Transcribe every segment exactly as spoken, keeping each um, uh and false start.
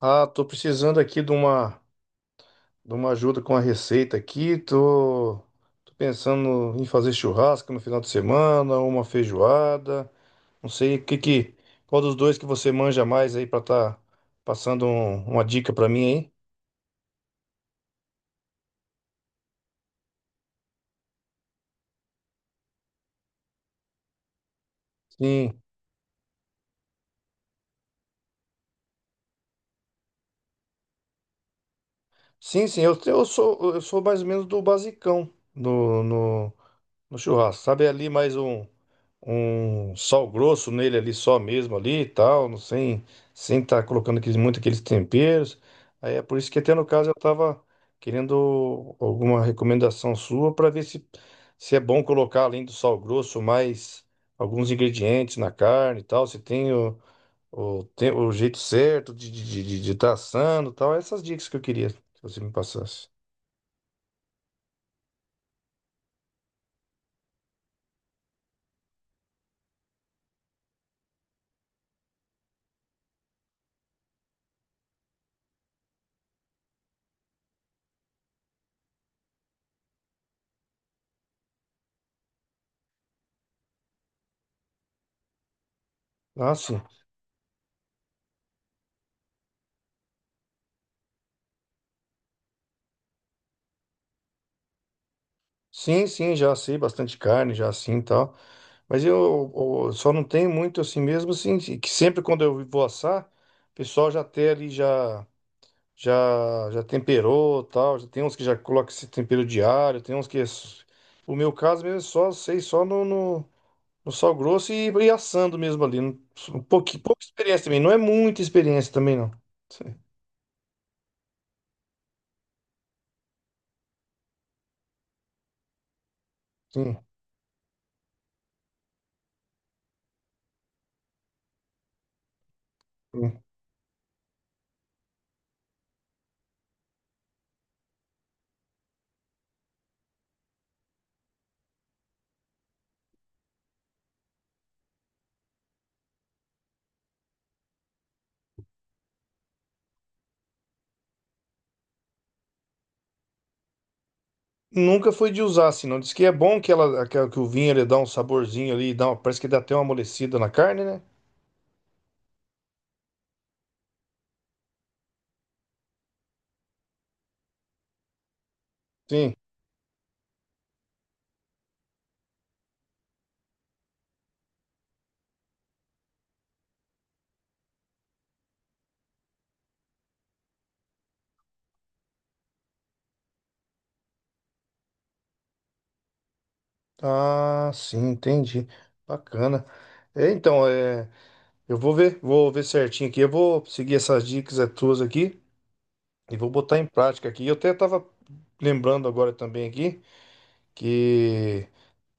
Ah, tô precisando aqui de uma, de uma ajuda com a receita aqui. Tô, tô pensando em fazer churrasco no final de semana, uma feijoada. Não sei o que que, qual dos dois que você manja mais aí pra tá passando um- uma dica pra mim aí? Sim, sim, sim. Eu, eu sou eu sou mais ou menos do basicão no, no, no churrasco. Sabe ali mais um um sal grosso nele ali só mesmo ali e tal, não sem sem estar colocando aqueles, muito aqueles temperos. Aí é por isso que até no caso eu tava querendo alguma recomendação sua para ver se se é bom colocar além do sal grosso mais alguns ingredientes na carne e tal, se tem o, o, tem o jeito certo de estar de, de, de tá assando e tal, essas dicas que eu queria que você me passasse. Ah, sim. Sim, sim, já sei bastante carne, já assim e tal. Mas eu, eu só não tenho muito assim mesmo, assim, que sempre quando eu vou assar, o pessoal já tem ali, já, já, já temperou tal. Já tem uns que já colocam esse tempero diário, tem uns que é s- o meu caso mesmo é só, sei, só no, no, no sal grosso e, e assando mesmo ali. Um pouquinho, pouca experiência também, não é muita experiência também, não. Sim, sim. Nunca foi de usar, assim, não. Diz que é bom que ela, que, é, que o vinho ele dá um saborzinho ali, dá uma- parece que dá até uma amolecida na carne, né? Sim. Ah, sim, entendi. Bacana. É, então, é, eu vou ver, vou ver certinho aqui. Eu vou seguir essas dicas, é, tuas aqui e vou botar em prática aqui. Eu até tava lembrando agora também aqui que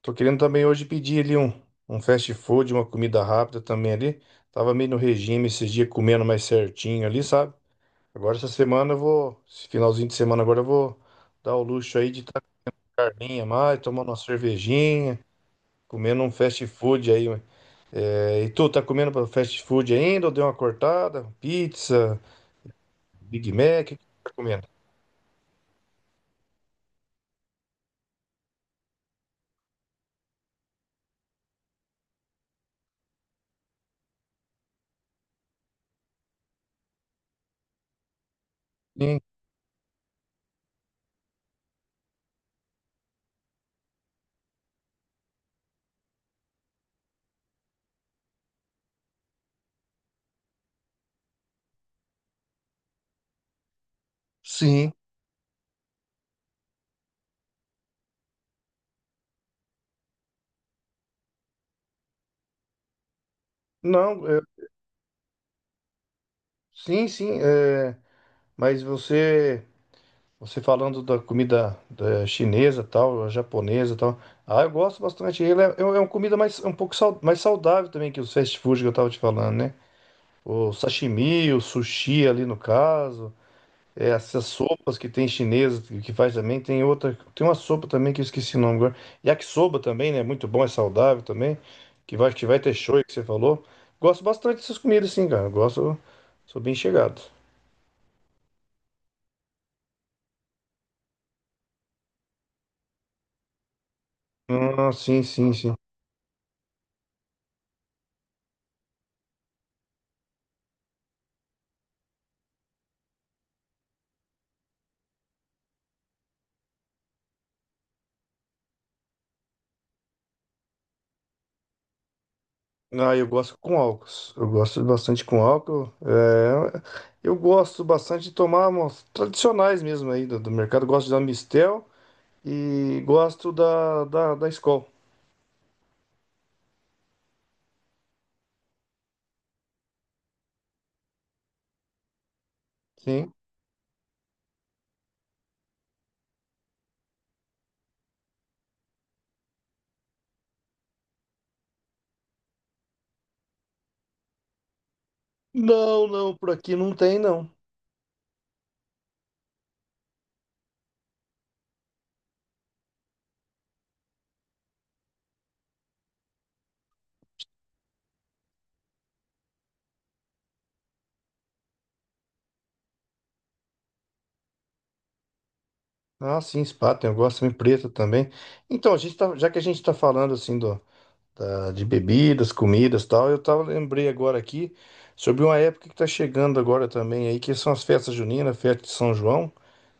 tô querendo também hoje pedir ali um, um fast food, uma comida rápida também ali. Tava meio no regime esses dias comendo mais certinho ali, sabe? Agora essa semana eu vou, esse finalzinho de semana agora eu vou dar o luxo aí de estar carninha mais, tomando uma cervejinha, comendo um fast food aí. É, e tu, tá comendo pra fast food ainda ou deu uma cortada? Pizza, Big Mac, o que tu tá comendo? Sim, sim. Não, é, sim, sim, é, mas você, você falando da comida da chinesa tal, a japonesa tal, ah, eu gosto bastante. Ele é, é é uma comida mais, um pouco sau- mais saudável também que os fast food que eu tava te falando, né? O sashimi, o sushi ali no caso, é, essas sopas que tem chinesa que que faz também, tem outra, tem uma sopa também que eu esqueci o nome agora. Yakisoba também, né? Muito bom, é saudável também, que vai, que vai ter shoyu que você falou. Gosto bastante dessas comidas sim, cara. Eu Gosto, sou bem chegado. Ah, sim, sim, sim. Ah, eu gosto com álcool. Eu gosto bastante com álcool. É, eu gosto bastante de tomar umas tradicionais mesmo aí do, do mercado. Gosto da Mistel e gosto da, da, da Skol. Sim. Não, não, por aqui não tem, não. Ah, sim, spa, tem, eu gosto também preta também. Então, a gente tá, já que a gente tá falando assim do, da- de bebidas, comidas e tal, eu tava, lembrei agora aqui sobre uma época que tá chegando agora também aí, que são as festas juninas, festa de São João.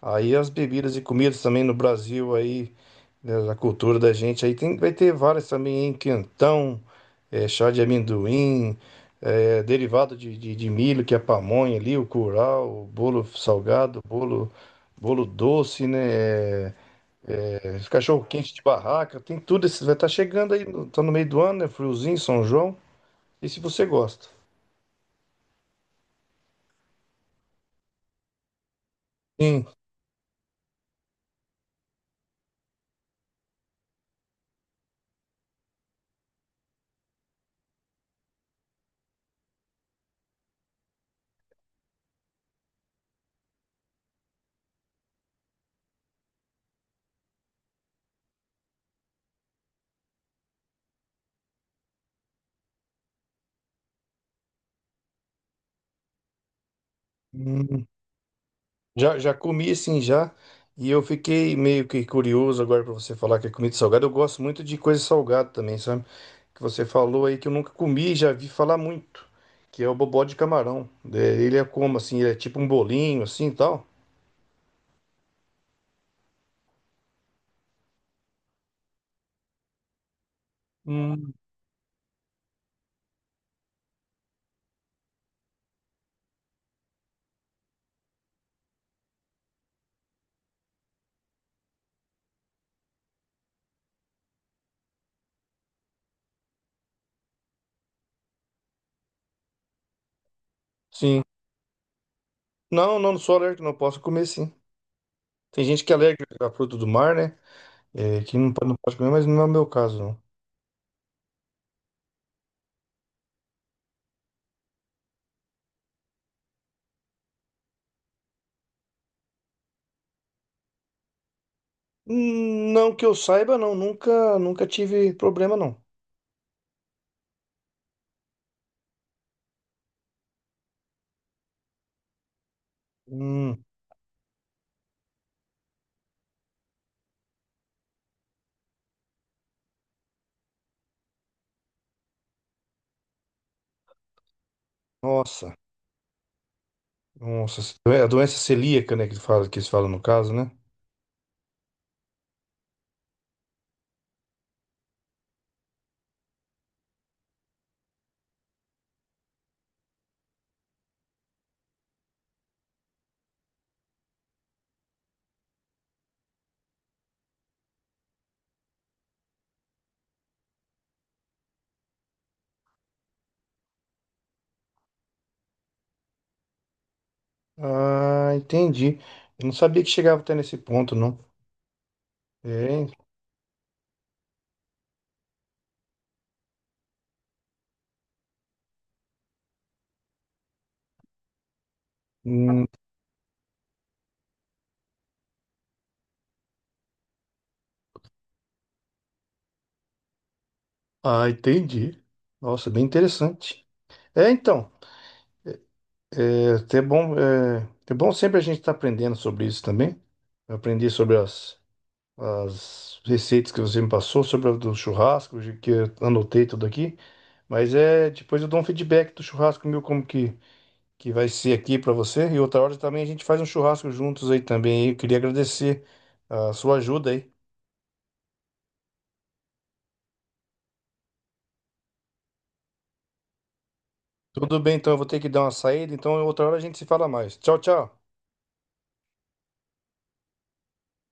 Aí as bebidas e comidas também no Brasil aí, né. A cultura da gente aí tem, vai ter várias também, hein? Quentão, eh, chá de amendoim, eh, derivado de, de, de milho, que é a pamonha ali, o curau, o bolo salgado, bolo, bolo doce, né? Eh, cachorro quente de barraca, tem tudo. Esses, vai estar chegando aí, no- tá no meio do ano, né? Friozinho, São João. E se você gosta? Sim. Já, já comi assim já, e eu fiquei meio que curioso agora para você falar que é comida salgada. Eu gosto muito de coisa salgada também, sabe? Que você falou aí que eu nunca comi e já vi falar muito, que é o bobó de camarão. É, ele é como assim, ele é tipo um bolinho assim e tal. Hum, Sim. Não, não, não sou alérgico, não posso comer sim. Tem gente que é alérgica a fruta do mar, né? É, que não, po- não pode comer, mas não é o meu caso, não. Hum. Não que eu saiba, não. Nunca, nunca tive problema, não. Hum, nossa. Nossa, é a doença celíaca, né, que fala, que eles falam no caso, né? Ah, entendi. Eu não sabia que chegava até nesse ponto, não. É. Hum, ah, entendi. Nossa, bem interessante. É, então, é até bom, é, é bom sempre a gente estar aprendendo sobre isso também. Eu aprendi sobre as, as receitas que você me passou, sobre a do churrasco, que eu anotei tudo aqui. Mas é, depois eu dou um feedback do churrasco meu, como que que vai ser aqui para você. E outra hora também a gente faz um churrasco juntos aí também. Eu queria agradecer a sua ajuda aí. Tudo bem, então eu vou ter que dar uma saída, então outra hora a gente se fala mais. Tchau, tchau.